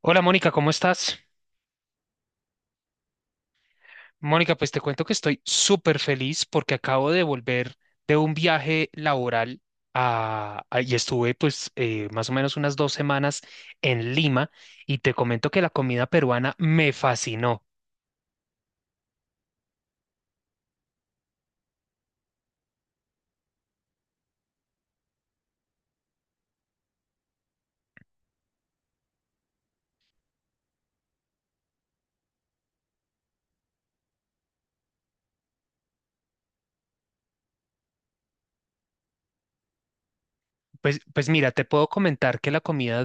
Hola Mónica, ¿cómo estás? Mónica, pues te cuento que estoy súper feliz porque acabo de volver de un viaje laboral y estuve pues más o menos unas 2 semanas en Lima y te comento que la comida peruana me fascinó. Pues mira, te puedo comentar que la comida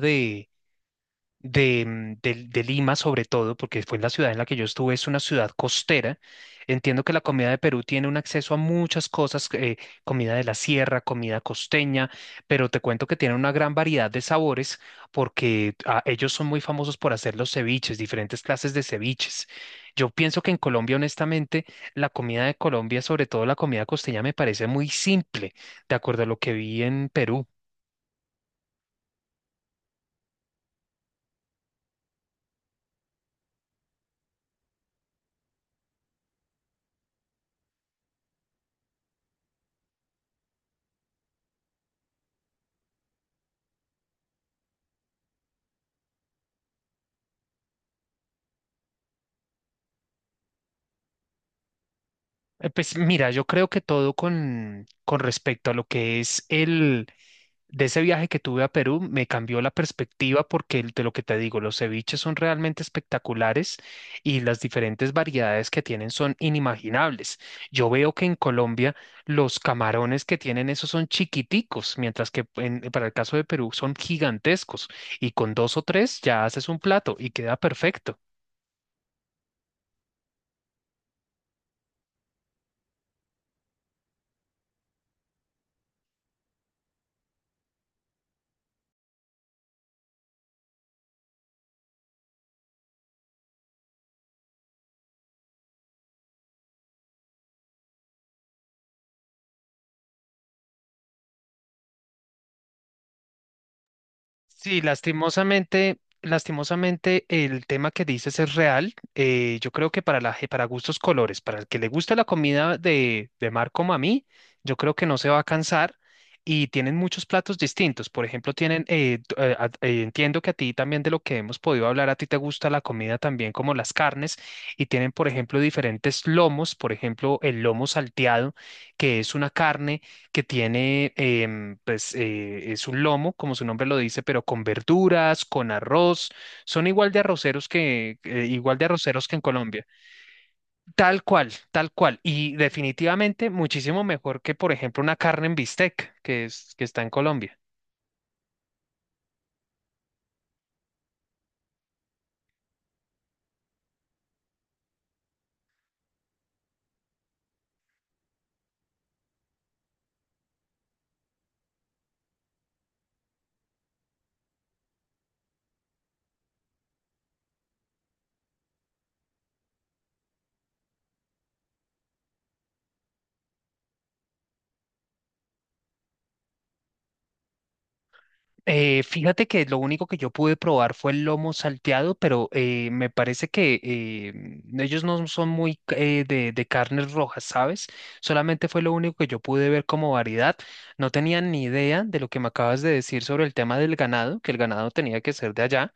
de Lima sobre todo, porque fue la ciudad en la que yo estuve, es una ciudad costera. Entiendo que la comida de Perú tiene un acceso a muchas cosas, comida de la sierra, comida costeña, pero te cuento que tiene una gran variedad de sabores porque ellos son muy famosos por hacer los ceviches, diferentes clases de ceviches. Yo pienso que en Colombia, honestamente, la comida de Colombia, sobre todo la comida costeña, me parece muy simple, de acuerdo a lo que vi en Perú. Pues mira, yo creo que todo con respecto a lo que es el de ese viaje que tuve a Perú me cambió la perspectiva porque de lo que te digo, los ceviches son realmente espectaculares y las diferentes variedades que tienen son inimaginables. Yo veo que en Colombia los camarones que tienen esos son chiquiticos, mientras que para el caso de Perú son gigantescos y con dos o tres ya haces un plato y queda perfecto. Sí, lastimosamente, lastimosamente el tema que dices es real. Yo creo que para para gustos colores, para el que le gusta la comida de mar como a mí, yo creo que no se va a cansar y tienen muchos platos distintos. Por ejemplo, tienen, entiendo que a ti también de lo que hemos podido hablar, a ti te gusta la comida también como las carnes y tienen, por ejemplo, diferentes lomos, por ejemplo, el lomo salteado, que es una carne que tiene, es un lomo, como su nombre lo dice, pero con verduras, con arroz. Son igual de arroceros que, igual de arroceros que en Colombia. Tal cual, tal cual. Y definitivamente muchísimo mejor que, por ejemplo, una carne en bistec que es, que está en Colombia. Fíjate que lo único que yo pude probar fue el lomo salteado, pero me parece que ellos no son muy de carnes rojas, ¿sabes? Solamente fue lo único que yo pude ver como variedad. No tenía ni idea de lo que me acabas de decir sobre el tema del ganado, que el ganado tenía que ser de allá.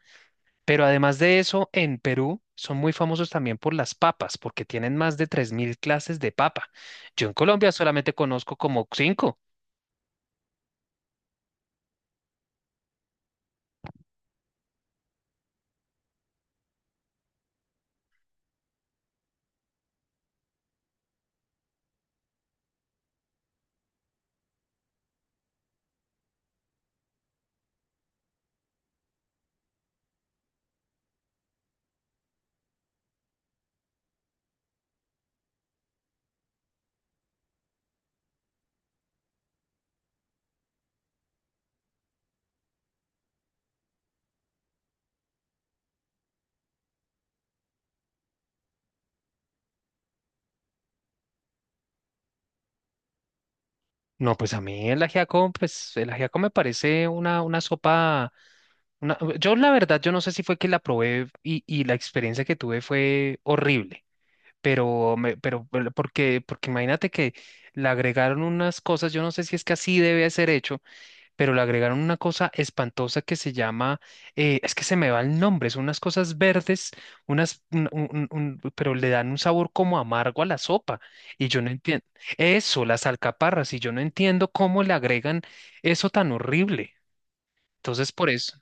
Pero además de eso, en Perú son muy famosos también por las papas, porque tienen más de 3.000 clases de papa. Yo en Colombia solamente conozco como cinco. No, pues a mí el ajiaco, pues el ajiaco me parece una sopa, una Yo la verdad, yo no sé si fue que la probé y la experiencia que tuve fue horrible, pero, me, pero porque, porque imagínate que le agregaron unas cosas, yo no sé si es que así debe ser hecho pero le agregaron una cosa espantosa que se llama, es que se me va el nombre, son unas cosas verdes, unas, pero le dan un sabor como amargo a la sopa. Y yo no entiendo, eso, las alcaparras, y yo no entiendo cómo le agregan eso tan horrible. Entonces, por eso,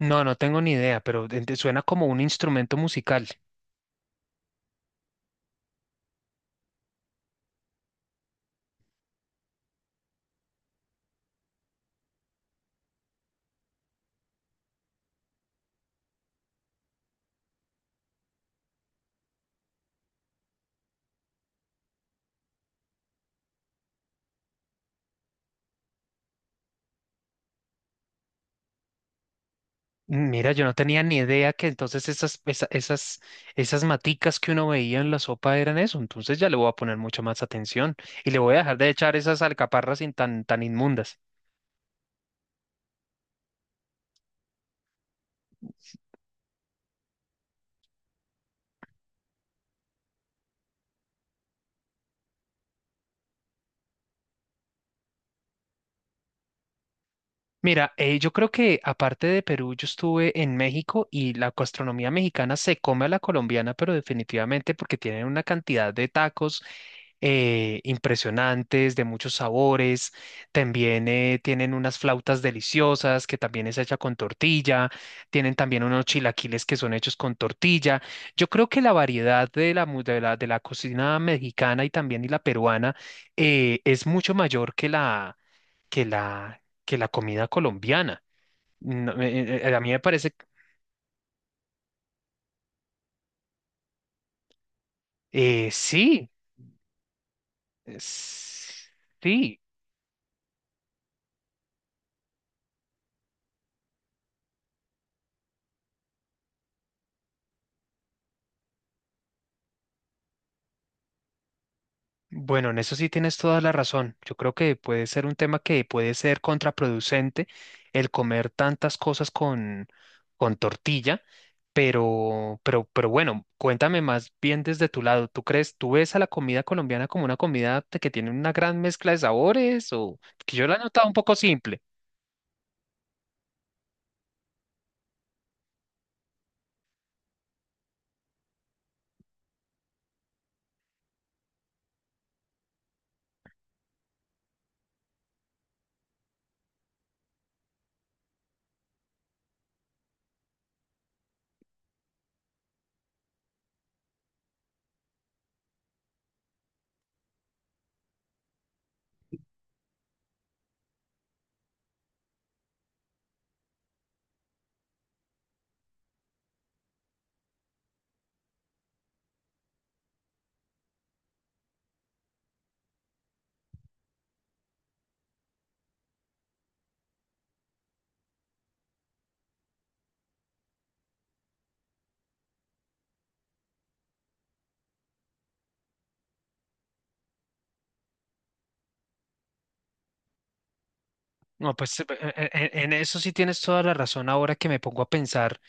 no, no tengo ni idea, pero suena como un instrumento musical. Mira, yo no tenía ni idea que entonces esas, esas, esas maticas que uno veía en la sopa eran eso. Entonces ya le voy a poner mucha más atención y le voy a dejar de echar esas alcaparras sin tan, tan inmundas. Mira, yo creo que aparte de Perú, yo estuve en México y la gastronomía mexicana se come a la colombiana, pero definitivamente porque tienen una cantidad de tacos impresionantes, de muchos sabores. También tienen unas flautas deliciosas que también es hecha con tortilla. Tienen también unos chilaquiles que son hechos con tortilla. Yo creo que la variedad de la, mu- de la cocina mexicana y también y la peruana es mucho mayor que la que que la comida colombiana. No, a mí me parece, sí, es- sí. Bueno, en eso sí tienes toda la razón. Yo creo que puede ser un tema que puede ser contraproducente el comer tantas cosas con tortilla, pero bueno, cuéntame más bien desde tu lado. ¿Tú crees, tú ves a la comida colombiana como una comida que tiene una gran mezcla de sabores o que yo la he notado un poco simple? No, pues eso sí tienes toda la razón. Ahora que me pongo a pensar,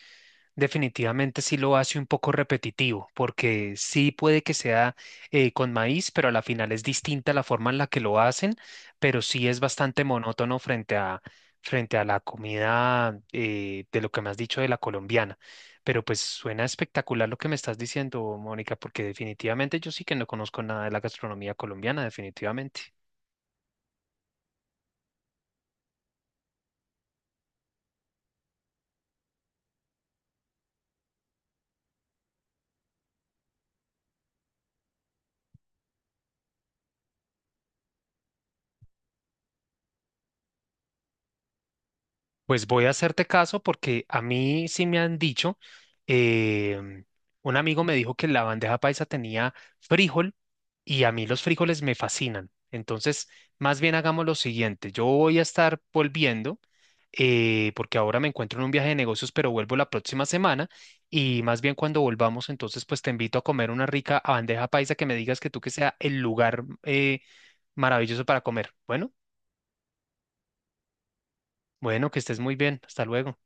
definitivamente sí lo hace un poco repetitivo, porque sí puede que sea con maíz, pero a la final es distinta la forma en la que lo hacen, pero sí es bastante monótono frente a, frente a la comida de lo que me has dicho de la colombiana. Pero pues suena espectacular lo que me estás diciendo, Mónica, porque definitivamente yo sí que no conozco nada de la gastronomía colombiana, definitivamente. Pues voy a hacerte caso porque a mí sí me han dicho, em, un amigo me dijo que la bandeja paisa tenía frijol y a mí los frijoles me fascinan. Entonces, más bien hagamos lo siguiente, yo voy a estar volviendo porque ahora me encuentro en un viaje de negocios, pero vuelvo la próxima semana y más bien cuando volvamos, entonces pues te invito a comer una rica bandeja paisa que me digas que tú que sea el lugar maravilloso para comer. Bueno, bueno, que estés muy bien, hasta luego.